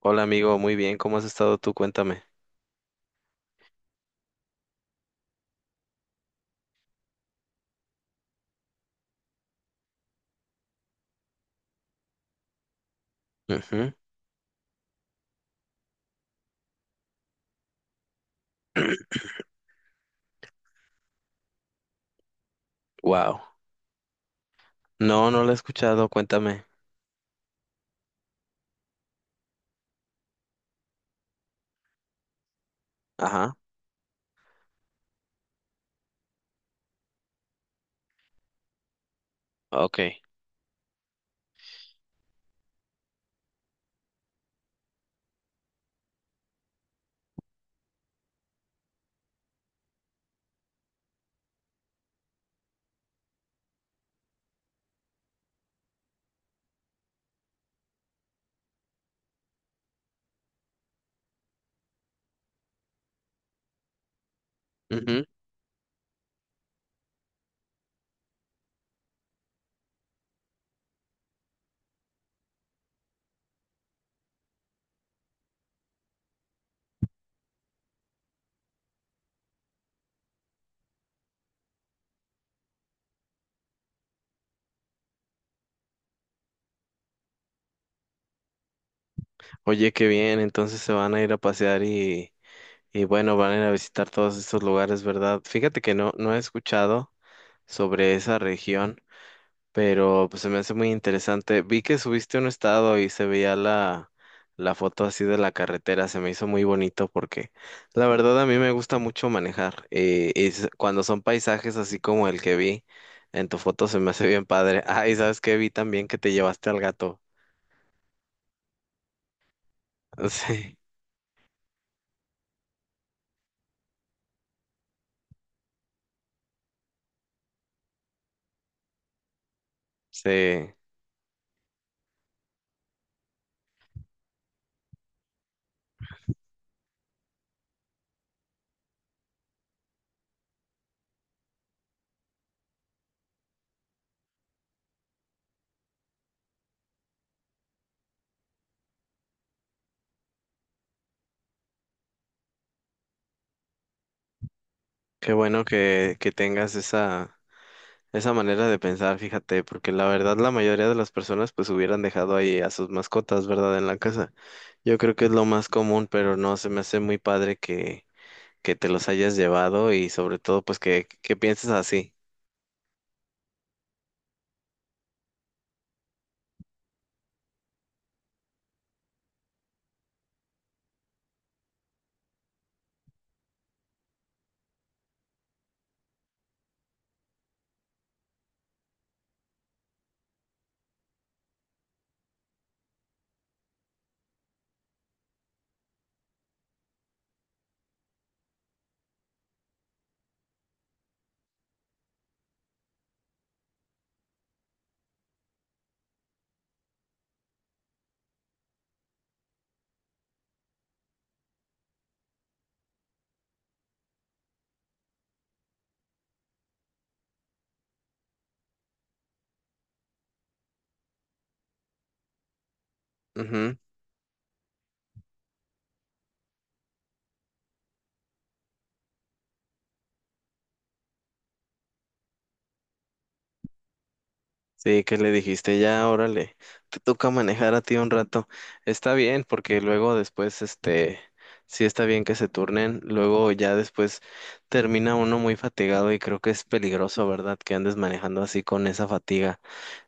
Hola amigo, muy bien, ¿cómo has estado tú? Cuéntame. Ujú. Wow. No, no lo he escuchado, cuéntame. Ajá, ok. Ujú. Oye, qué bien, entonces se van a ir a pasear y bueno, van a ir a visitar todos estos lugares, ¿verdad? Fíjate que no, no he escuchado sobre esa región. Pero pues se me hace muy interesante. Vi que subiste un estado y se veía la foto así de la carretera, se me hizo muy bonito porque la verdad a mí me gusta mucho manejar y cuando son paisajes así como el que vi en tu foto se me hace bien padre. Ah, y sabes que vi también que te llevaste al gato. Sí, sí, qué bueno que tengas esa esa manera de pensar, fíjate, porque la verdad la mayoría de las personas pues hubieran dejado ahí a sus mascotas, ¿verdad? En la casa. Yo creo que es lo más común, pero no, se me hace muy padre que te los hayas llevado y sobre todo pues que pienses así. Ujú. Sí, que le dijiste, ya, órale, te toca manejar a ti un rato. Está bien, porque luego después, este, sí está bien que se turnen, luego ya después termina uno muy fatigado y creo que es peligroso, ¿verdad? Que andes manejando así con esa fatiga.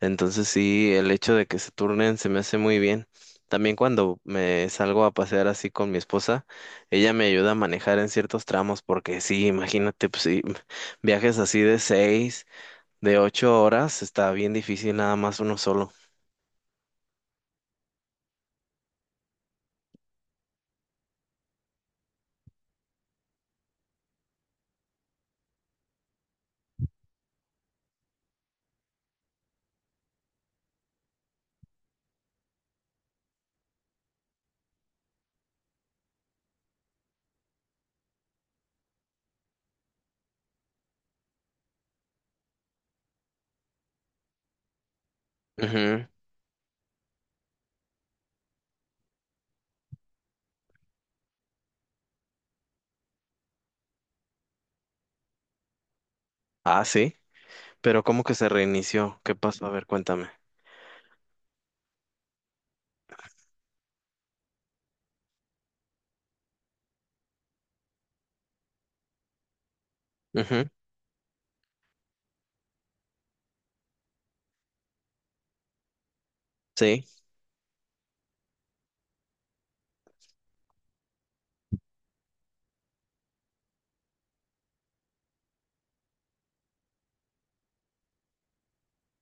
Entonces sí, el hecho de que se turnen se me hace muy bien. También cuando me salgo a pasear así con mi esposa, ella me ayuda a manejar en ciertos tramos, porque sí, imagínate, pues sí, viajes así de seis. De ocho horas está bien difícil nada más uno solo. Ujú. Ah, sí. Pero ¿cómo que se reinició? ¿Qué pasó? A ver, cuéntame. Ujú. Sí.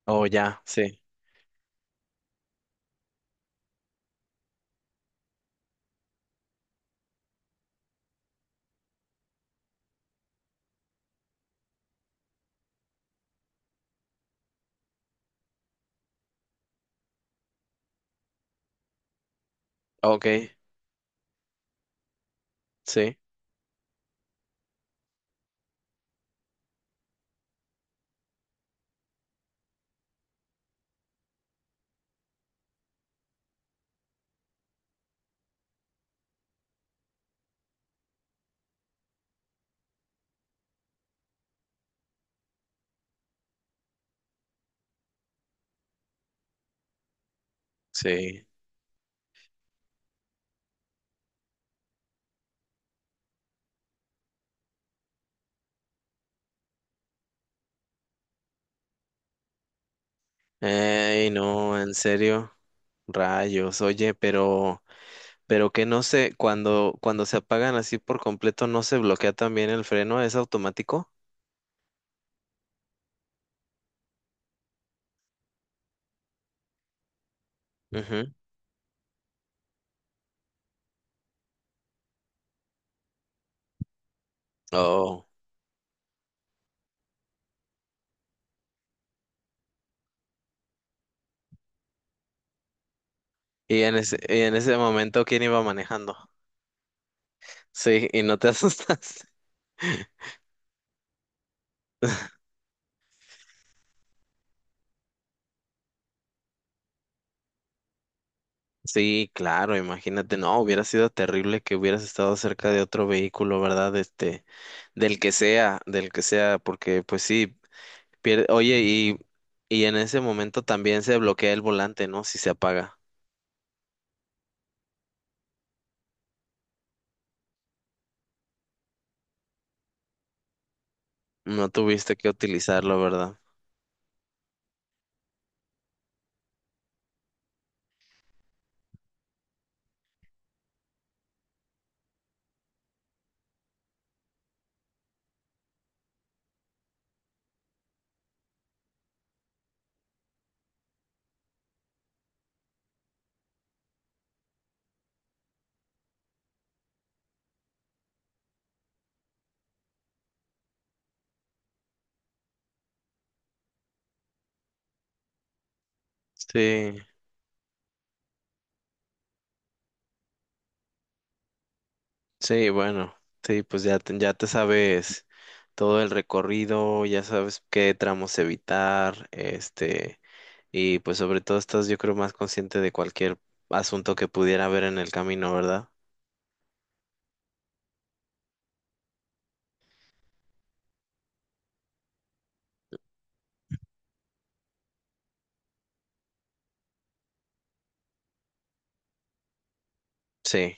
Oh, ya, sí. Ok, sí, sí. Ey, no, en serio. Rayos, oye, pero que no sé, cuando se apagan así por completo, ¿no se bloquea también el freno? ¿Es automático? Ujú. Oh. Y en ese momento, ¿quién iba manejando? Sí, y no te asustas. Sí, claro, imagínate, no, hubiera sido terrible que hubieras estado cerca de otro vehículo, ¿verdad? Este, del que sea, porque pues sí, pierde, oye, y en ese momento también se bloquea el volante, ¿no? Si se apaga. No tuviste que utilizarlo, ¿verdad? Sí, sí, bueno, sí, pues ya te sabes todo el recorrido, ya sabes qué tramos evitar, este. Y pues sobre todo estás, yo creo, más consciente de cualquier asunto que pudiera haber en el camino, ¿verdad? Sí.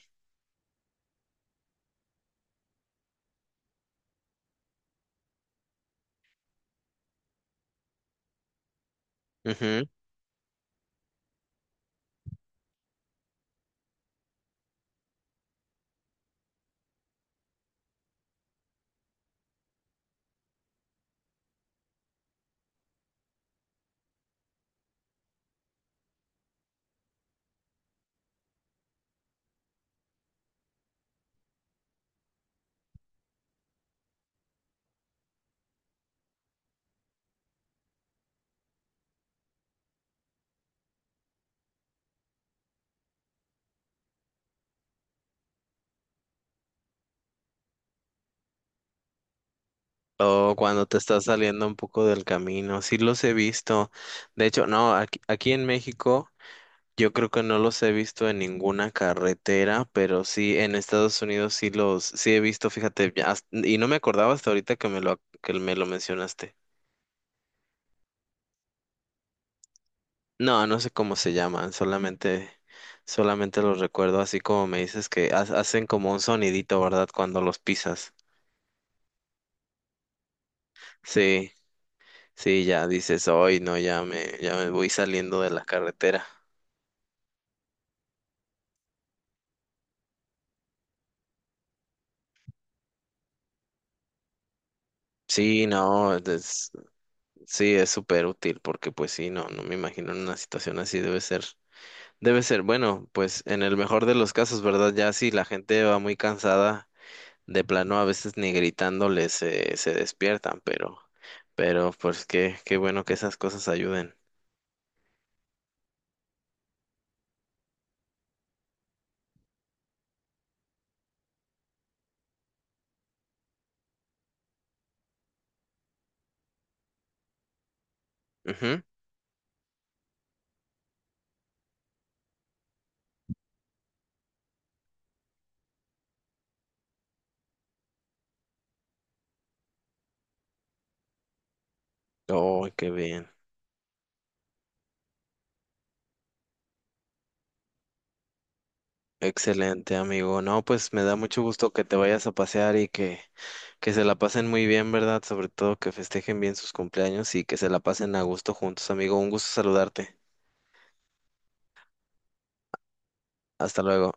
Ujú. O cuando te estás saliendo un poco del camino. Sí los he visto. De hecho, no, aquí, aquí en México yo creo que no los he visto en ninguna carretera, pero sí en Estados Unidos sí los, sí he visto, fíjate, ya hasta- y no me acordaba hasta ahorita que me lo mencionaste. No, no sé cómo se llaman, solamente, solamente los recuerdo así como me dices que hacen como un sonidito, ¿verdad? Cuando los pisas. Sí, sí, ya dices, hoy no, ya me voy saliendo de la carretera. Sí, no, es- sí, es súper útil porque pues sí, no, no me imagino en una situación así debe ser, bueno, pues en el mejor de los casos, ¿verdad? Ya si la gente va muy cansada de plano a veces ni gritándoles se, se despiertan, pero pues qué, qué bueno que esas cosas ayuden. Ujú. Oh, qué bien. Excelente, amigo. No, pues me da mucho gusto que te vayas a pasear que se la pasen muy bien, ¿verdad? Sobre todo que festejen bien sus cumpleaños y que se la pasen a gusto juntos, amigo. Un gusto saludarte. Hasta luego.